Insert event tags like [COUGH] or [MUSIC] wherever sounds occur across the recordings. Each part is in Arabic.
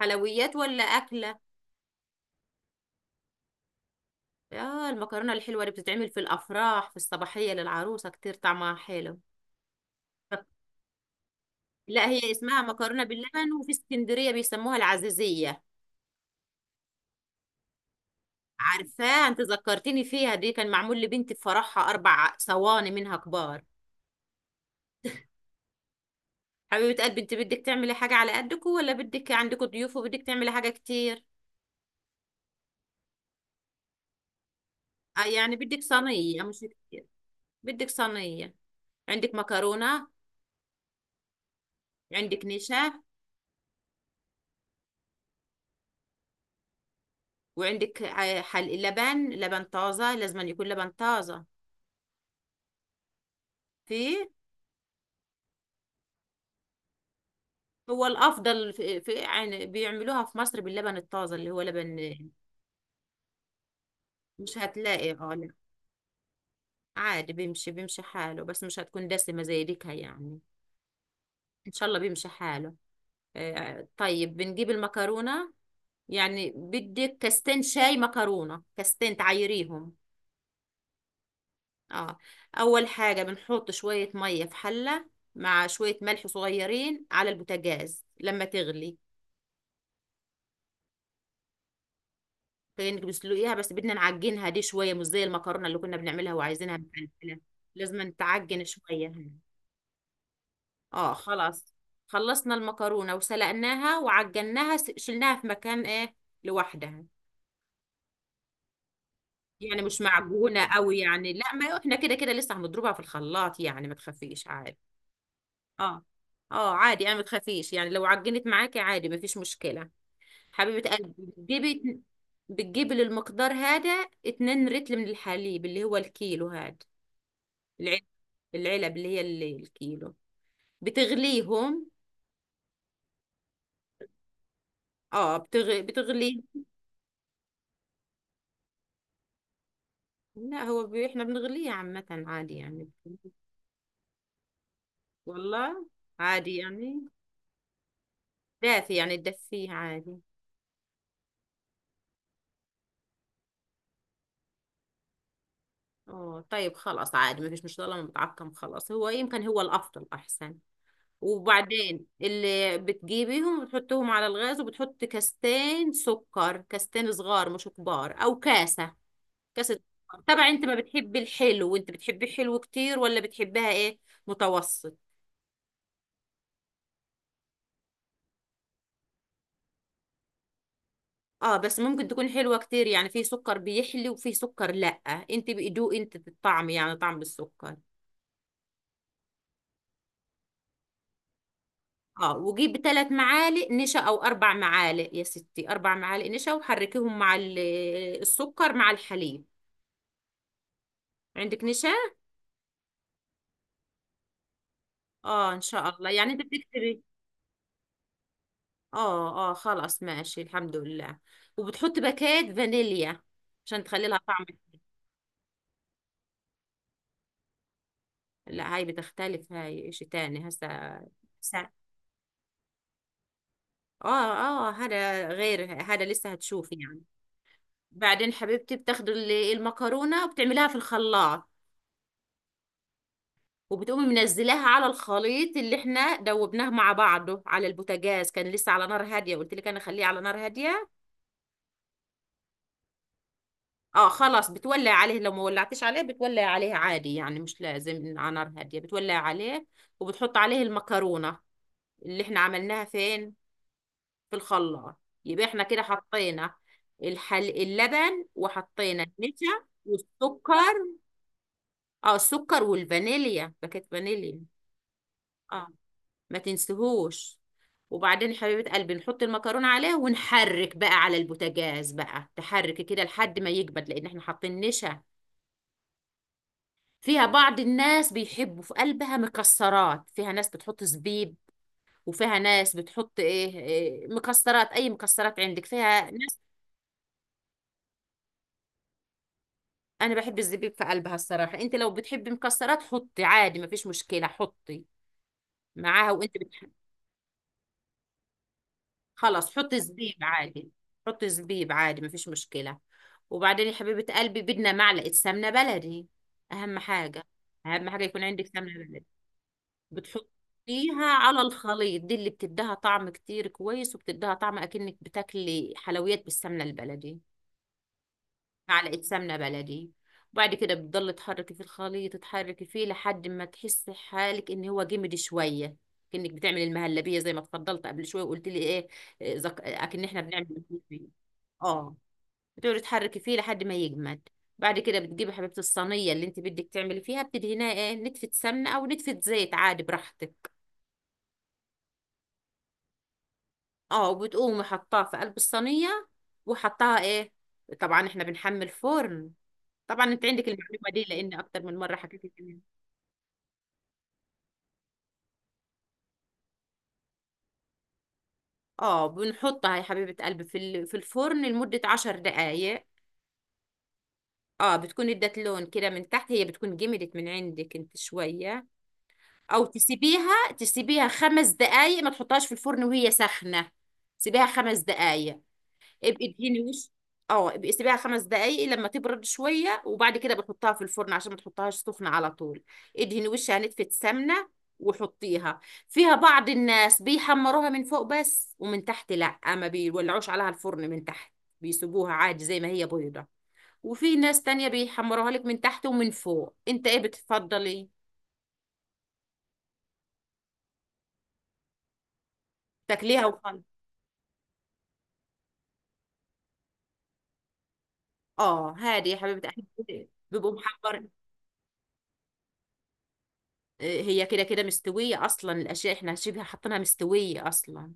حلويات ولا أكلة؟ آه، المكرونة الحلوة اللي بتتعمل في الأفراح في الصباحية للعروسة، كتير طعمها حلو. لا، هي اسمها مكرونة باللبن، وفي اسكندرية بيسموها العزيزية. عارفاه، انت ذكرتني فيها. دي كان معمول لبنتي في فرحها أربع صواني منها كبار. حبيبة قلبي، انت بدك تعملي حاجة على قدكم ولا بدك عندكم ضيوف وبدك تعملي حاجة كتير؟ آه، يعني بدك صينية مش كتير. بدك صينية. عندك مكرونة؟ عندك نشا؟ وعندك حل لبن؟ لبن طازة، لازم أن يكون لبن طازة. في؟ هو الأفضل. في, في يعني بيعملوها في مصر باللبن الطازة اللي هو لبن. مش هتلاقي، اه، لا. عادي، بيمشي حاله، بس مش هتكون دسمة زي ديكها يعني. إن شاء الله بيمشي حاله. آه، طيب بنجيب المكرونة. يعني بدك كاستين شاي مكرونة، كاستين تعيريهم. اه. أول حاجة بنحط شوية مية في حلة مع شوية ملح صغيرين على البوتاجاز لما تغلي. كأنك بتسلقيها، بس بدنا نعجنها دي شوية، مش زي المكرونة اللي كنا بنعملها وعايزينها مفلفلة. لازم نتعجن شوية هنا. اه خلاص. خلصنا المكرونة وسلقناها وعجناها، شلناها في مكان ايه، لوحدها. يعني مش معجونة قوي يعني، لا، ما احنا كده كده لسه هنضربها في الخلاط يعني، ما تخافيش عادي. اه اه، عادي انا، ما تخافيش يعني، لو عجنت معاكي عادي ما فيش مشكلة. حبيبة قلبي، بتجيبي بتجيبي للمقدار هذا 2 رتل من الحليب اللي هو الكيلو هذا، العلب اللي هي اللي الكيلو، بتغليهم. بتغلي. لا، احنا بنغليه عامة عادي يعني. والله عادي يعني. دافي يعني، تدفيه عادي. اه طيب خلاص، عادي ما فيش، مش طالما متعقم خلاص، هو يمكن هو الافضل احسن. وبعدين اللي بتجيبيهم بتحطيهم على الغاز، وبتحط كاستين سكر، كاستين صغار مش كبار، او كاسة. كاس الدهر. طبعا انت ما بتحبي الحلو، وانت بتحبي الحلو كتير ولا بتحبها ايه، متوسط؟ اه، بس ممكن تكون حلوة كتير يعني، في سكر بيحلي وفي سكر لأ. انت بيدوق انت الطعم يعني، طعم بالسكر. اه، وجيب ثلاث معالق نشا او اربع معالق، يا ستي اربع معالق نشا، وحركيهم مع السكر مع الحليب. عندك نشا؟ اه ان شاء الله يعني، انت بتكتبي. اه اه خلاص ماشي الحمد لله. وبتحط باكات فانيليا عشان تخلي لها طعم. لا، هاي بتختلف، هاي اشي تاني هسا. هسا- اه اه، هذا غير هذا، لسه هتشوف يعني. بعدين حبيبتي بتاخدي المكرونة وبتعمليها في الخلاط، وبتقومي منزلاها على الخليط اللي احنا دوبناه مع بعضه على البوتاجاز، كان لسه على نار هادية، قلت لك انا خليه على نار هادية. اه خلاص، بتولع عليه، لو ما ولعتش عليه بتولع عليه عادي يعني، مش لازم على نار هادية، بتولع عليه وبتحط عليه المكرونة اللي احنا عملناها فين، في الخلاط. يبقى احنا كده حطينا اللبن، وحطينا النشا والسكر. اه، السكر والفانيليا، باكيت فانيليا. اه، ما تنسيهوش. وبعدين يا حبيبة قلبي نحط المكرونة عليه، ونحرك بقى على البوتاجاز، بقى تحرك كده لحد ما يجمد لأن احنا حاطين نشا فيها. بعض الناس بيحبوا في قلبها مكسرات، فيها ناس بتحط زبيب، وفيها ناس بتحط إيه مكسرات، اي مكسرات عندك، فيها ناس. انا بحب الزبيب في قلبها الصراحه. انت لو بتحبي مكسرات حطي عادي مفيش مشكله، حطي معاها وانت بتحبي. خلاص حطي زبيب عادي. حطي زبيب عادي مفيش مشكله. وبعدين يا حبيبه قلبي بدنا معلقه سمنه بلدي. اهم حاجه، اهم حاجه يكون عندك سمنه بلدي. بتحطيها على الخليط، دي اللي بتديها طعم كتير كويس، وبتديها طعم اكنك بتاكلي حلويات بالسمنه البلدي. معلقة سمنة بلدي. وبعد كده بتضل تحركي في الخليط، تحركي فيه لحد ما تحسي حالك ان هو جمد شوية، كأنك بتعمل المهلبية. زي ما اتفضلت قبل شوية وقلت لي ايه، آه، اكن احنا بنعمل المهلبية. اه، بتقعدي تحركي فيه لحد ما يجمد. بعد كده بتجيبي حبيبة الصينية اللي انت بدك تعملي فيها، بتدهنيها ايه، نتفة سمنة او نتفة زيت، عادي براحتك. اه، وبتقومي حطاها في قلب الصينية، وحطاها ايه، طبعا احنا بنحمل فرن. طبعا انت عندك المعلومه دي لان اكتر من مره حكيت لك عنها. اه، بنحطها يا حبيبه قلبي في في الفرن لمده عشر دقائق. اه، بتكون ادت لون كده من تحت، هي بتكون جمدت من عندك انت شويه. او تسيبيها، تسيبيها خمس دقائق، ما تحطهاش في الفرن وهي سخنه. سيبيها خمس دقائق. ابقي ادهني وش. اه ابقي سيبيها خمس دقايق لما تبرد شويه، وبعد كده بتحطها في الفرن عشان ما تحطهاش سخنه على طول. ادهني وشها نتفة سمنه وحطيها فيها. بعض الناس بيحمروها من فوق بس، ومن تحت لا، ما بيولعوش عليها الفرن من تحت، بيسيبوها عادي زي ما هي بيضة. وفي ناس تانية بيحمروها لك من تحت ومن فوق. انت ايه بتفضلي، تاكليها وخلاص؟ اه، هادي يا حبيبتي احب، بيبقوا محمر. آه، هي كده كده مستوية أصلا، الأشياء إحنا شبه حاطينها مستوية أصلا.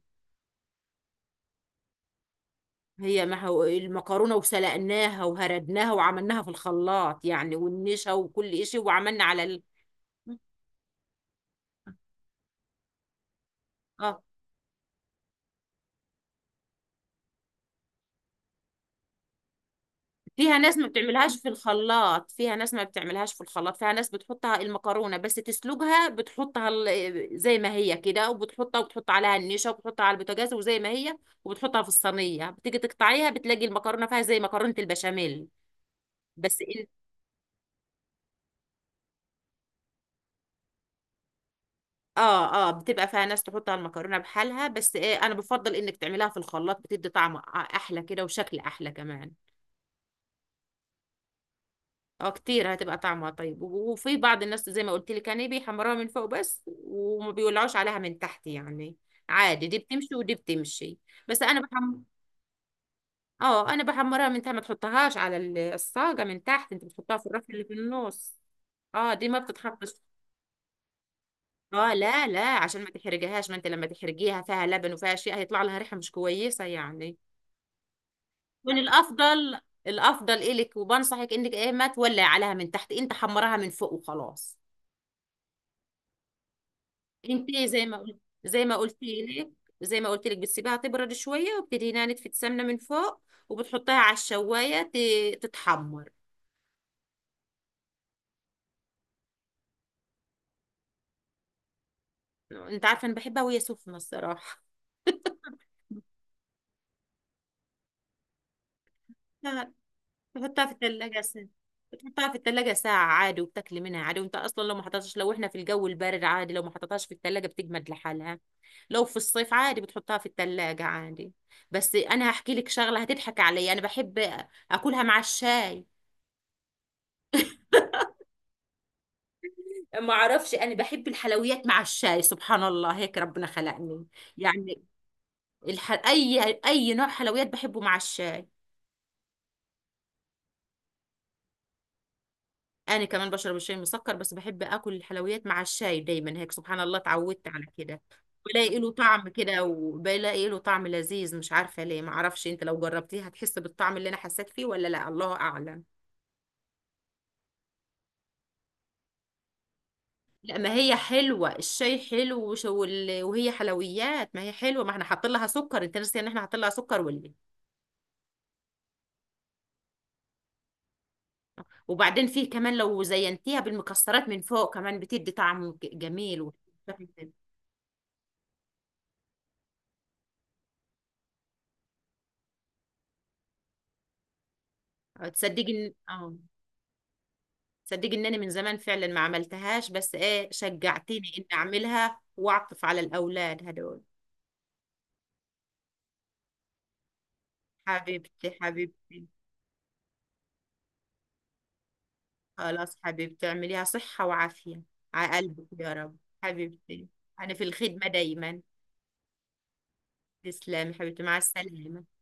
هي ما هو المكرونة وسلقناها وهردناها وعملناها في الخلاط يعني، والنشا وكل شيء، وعملنا على اه. فيها ناس ما بتعملهاش في الخلاط، فيها ناس بتحطها المكرونة بس تسلقها، بتحطها زي ما هي كده، وبتحطها وبتحط عليها النشا وبتحطها على البوتاجاز وزي ما هي، وبتحطها في الصينية، بتيجي تقطعيها بتلاقي المكرونة فيها زي مكرونة البشاميل. بس، اه اه، بتبقى فيها ناس تحط على المكرونه بحالها، بس إيه، انا بفضل انك تعمليها في الخلاط، بتدي طعم احلى كده وشكل احلى كمان. اه كتير، هتبقى طعمها طيب، وفي بعض الناس زي ما قلت لك يعني بيحمروها من فوق بس، وما بيولعوش عليها من تحت يعني، عادي، دي بتمشي ودي بتمشي. بس انا بحم اه، انا بحمرها من تحت، ما تحطهاش على الصاجه من تحت، انت بتحطها في الرف اللي في النص. اه، دي ما بتتحطش. اه لا لا، عشان ما تحرجهاش، ما انت لما تحرجيها فيها لبن وفيها شيء هيطلع لها ريحه مش كويسه يعني. كان الافضل، الافضل الك، وبنصحك انك ايه، ما تولعي عليها من تحت، انت حمرها من فوق وخلاص. انت زي ما قلت، زي ما قلت لك زي ما قلت لك بتسيبها تبرد شويه، وبتدهنها نتفه سمنه من فوق، وبتحطها على الشوايه تتحمر. انت عارفه انا بحبها وهي سخنه الصراحه. [LAUGHS] لا، تحطها في الثلاجة ساعة. بتحطها في الثلاجة ساعة عادي، وبتاكلي منها عادي. وانت اصلا لو ما حطيتهاش، لو احنا في الجو البارد عادي، لو ما حطيتهاش في الثلاجة بتجمد لحالها. لو في الصيف عادي بتحطها في الثلاجة عادي. بس انا هحكي لك شغلة هتضحك عليا، انا بحب اكلها مع الشاي. ما اعرفش، انا بحب الحلويات مع الشاي، سبحان الله هيك ربنا خلقني يعني. اي نوع حلويات بحبه مع الشاي. انا كمان بشرب الشاي مسكر، بس بحب اكل الحلويات مع الشاي دايما، هيك سبحان الله اتعودت على كده. بلاقي له طعم كده، وبلاقي له طعم لذيذ، مش عارفه ليه، ما اعرفش، انت لو جربتيه هتحس بالطعم اللي انا حسيت فيه ولا لا، الله اعلم. لا، ما هي حلوه، الشاي حلو وهي حلويات، ما هي حلوه، ما احنا حاطين لها سكر، انت ناسي ان احنا حاطين لها سكر ولا إيه؟ وبعدين فيه كمان لو زينتيها بالمكسرات من فوق كمان بتدي طعم جميل. وتتصدقي ان اه، صدقي ان انا من زمان فعلا ما عملتهاش، بس ايه، شجعتيني ان اعملها واعطف على الاولاد هدول. حبيبتي حبيبتي، خلاص حبيبتي اعمليها صحة وعافية على قلبك يا رب. حبيبتي، انا في الخدمة دايما. تسلمي حبيبتي، مع السلامة.